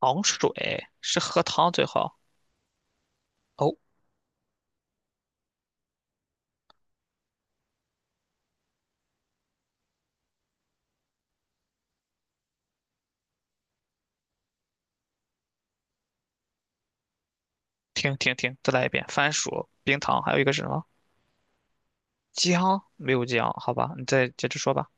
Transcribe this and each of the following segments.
糖水是喝汤最好。哦，停停停，再来一遍。番薯、冰糖，还有一个是什么？姜？没有姜，好吧，你再接着说吧。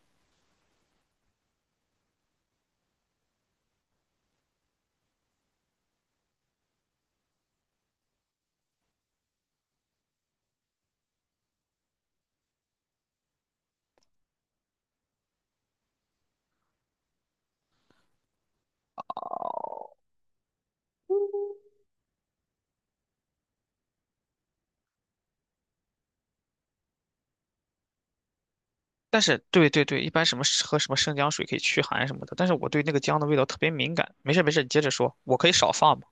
但是，对对对，一般什么喝什么生姜水可以驱寒什么的，但是我对那个姜的味道特别敏感。没事没事，你接着说，我可以少放嘛。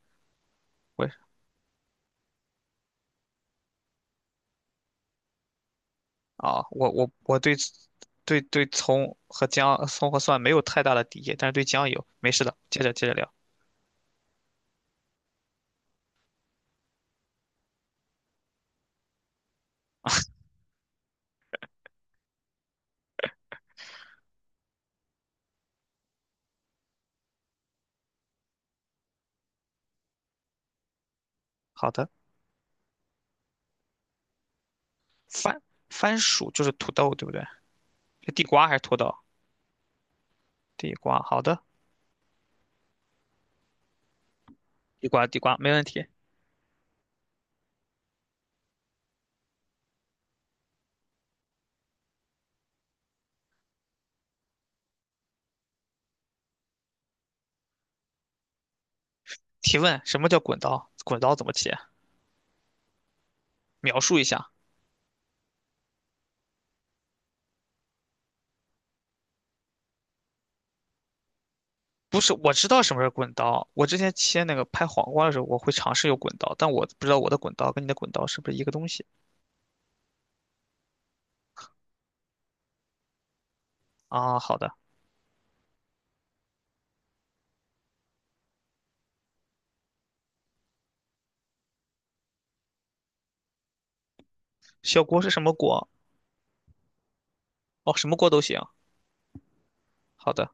我啊，我对对对葱和姜、葱和蒜没有太大的敌意，但是对姜有。没事的，接着聊。好的，番番薯就是土豆，对不对？是地瓜还是土豆？地瓜，好的。地瓜，地瓜，没问题。提问：什么叫滚刀？滚刀怎么切？描述一下。不是，我知道什么是滚刀。我之前切那个拍黄瓜的时候，我会尝试用滚刀，但我不知道我的滚刀跟你的滚刀是不是一个东西啊？好的，小锅是什么锅？哦，什么锅都行。好的，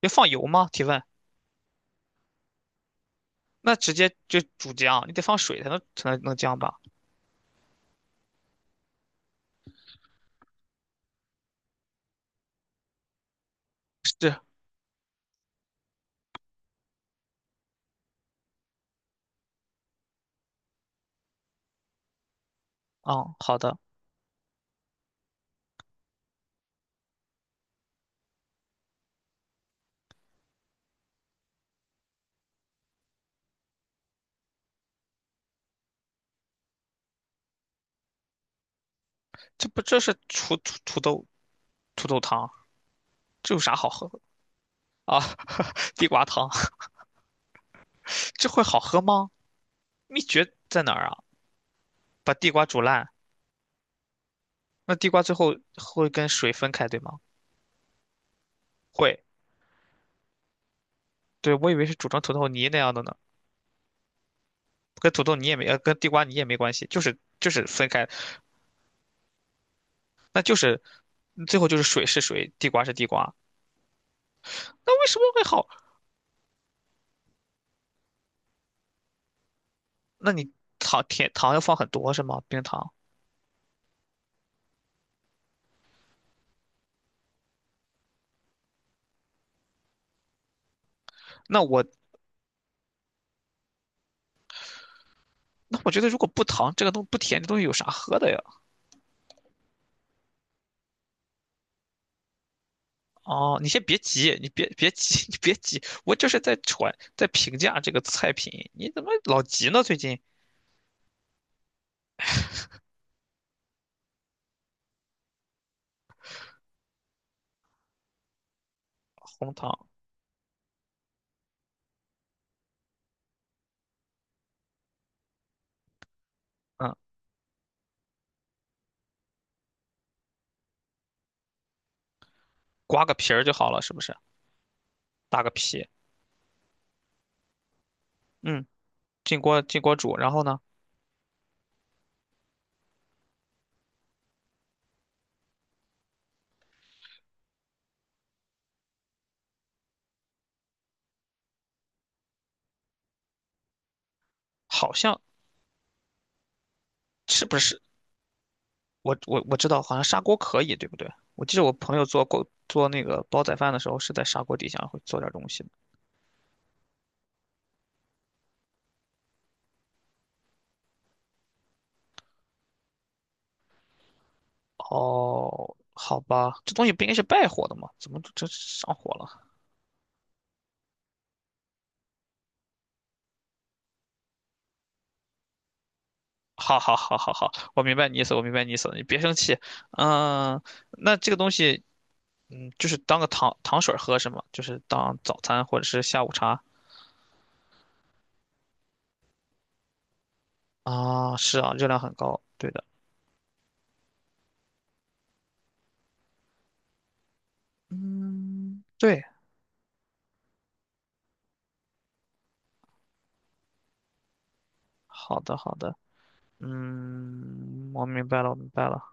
要放油吗？提问。那直接就煮姜，你得放水才能能姜吧？是，啊，好的。这不这是土豆土豆汤，这有啥好喝的啊？地瓜汤，这会好喝吗？秘诀在哪儿啊？把地瓜煮烂，那地瓜最后会跟水分开，对吗？会，对，我以为是煮成土豆泥那样的呢，跟土豆泥也没，跟地瓜泥也没关系，就是分开，那就是最后就是水是水，地瓜是地瓜，那为什么会好？那你糖甜糖要放很多是吗？冰糖？那我那我觉得如果不糖这个东不甜，这东西有啥喝的呀？哦，你先别急，你别急，你别急，我就是在传在评价这个菜品，你怎么老急呢？最近红糖，嗯，刮个皮儿就好了，是不是？打个皮，嗯，进锅煮，然后呢，好像是不是我知道，好像砂锅可以，对不对？我记得我朋友做过做那个煲仔饭的时候，是在砂锅底下会做点东西的。哦，好吧，这东西不应该是败火的吗？怎么这上火了？好好好好好，我明白你意思，我明白你意思了，你别生气。嗯，那这个东西，嗯，就是当个糖糖水儿喝是吗？就是当早餐或者是下午茶啊？是啊，热量很高，对的。嗯，对，好的，好的，嗯，我明白了，我明白了。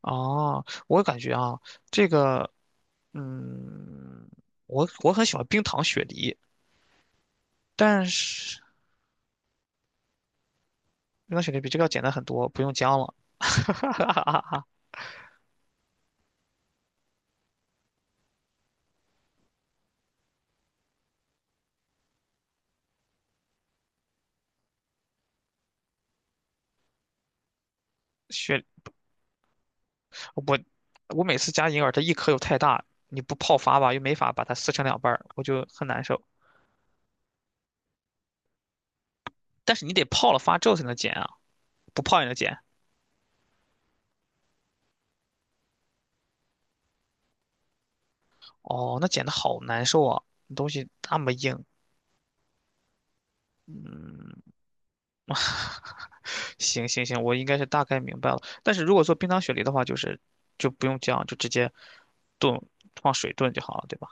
哦，我感觉啊，这个，嗯，我很喜欢冰糖雪梨，但是冰糖雪梨比这个要简单很多，不用姜了。雪，我我每次加银耳，它一颗又太大，你不泡发吧，又没法把它撕成两半儿，我就很难受。但是你得泡了发之后才能剪啊，不泡也能剪。哦，那剪的好难受啊，东西那么硬。行行行，我应该是大概明白了。但是如果做冰糖雪梨的话，就是就不用这样，就直接炖，放水炖就好了，对吧？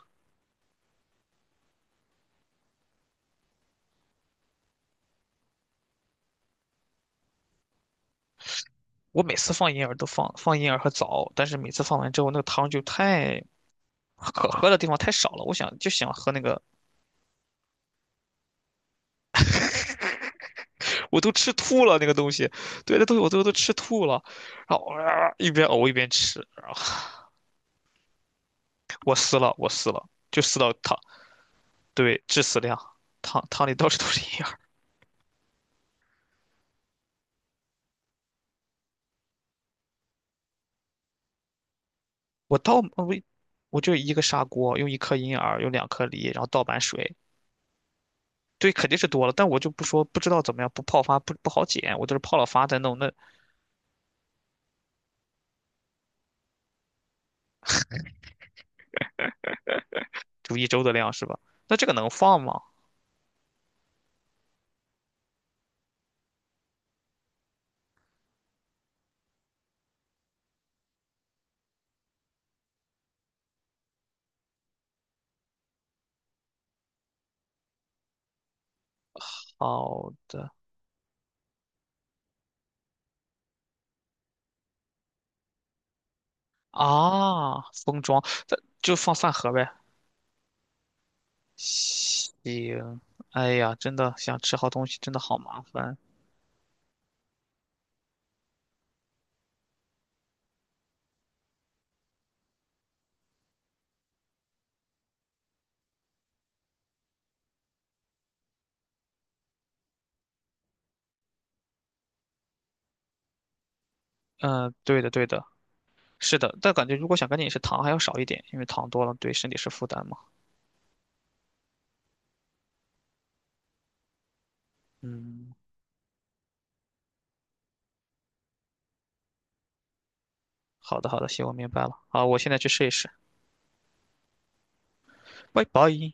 我每次放银耳都放银耳和枣，但是每次放完之后，那个汤就太可喝的地方太少了。我想就想喝那个，我都吃吐了那个东西，对，那东西我都吃吐了，然后、啊一边呕一边吃，然后我撕了，我撕了，就撕到汤，对，致死量，汤汤里到处都是银耳。我我就一个砂锅，用一颗银耳，用两颗梨，然后倒满水。对，肯定是多了，但我就不说，不知道怎么样，不泡发不好减，我就是泡了发再弄，那煮一周的量是吧？那这个能放吗？好的啊，封装，这就放饭盒呗。行，哎呀，真的想吃好东西，真的好麻烦。嗯，对的对的，是的，但感觉如果想赶紧饮食，糖还要少一点，因为糖多了对身体是负担嘛。嗯，好的好的，行，我明白了。好，我现在去试一试。拜拜。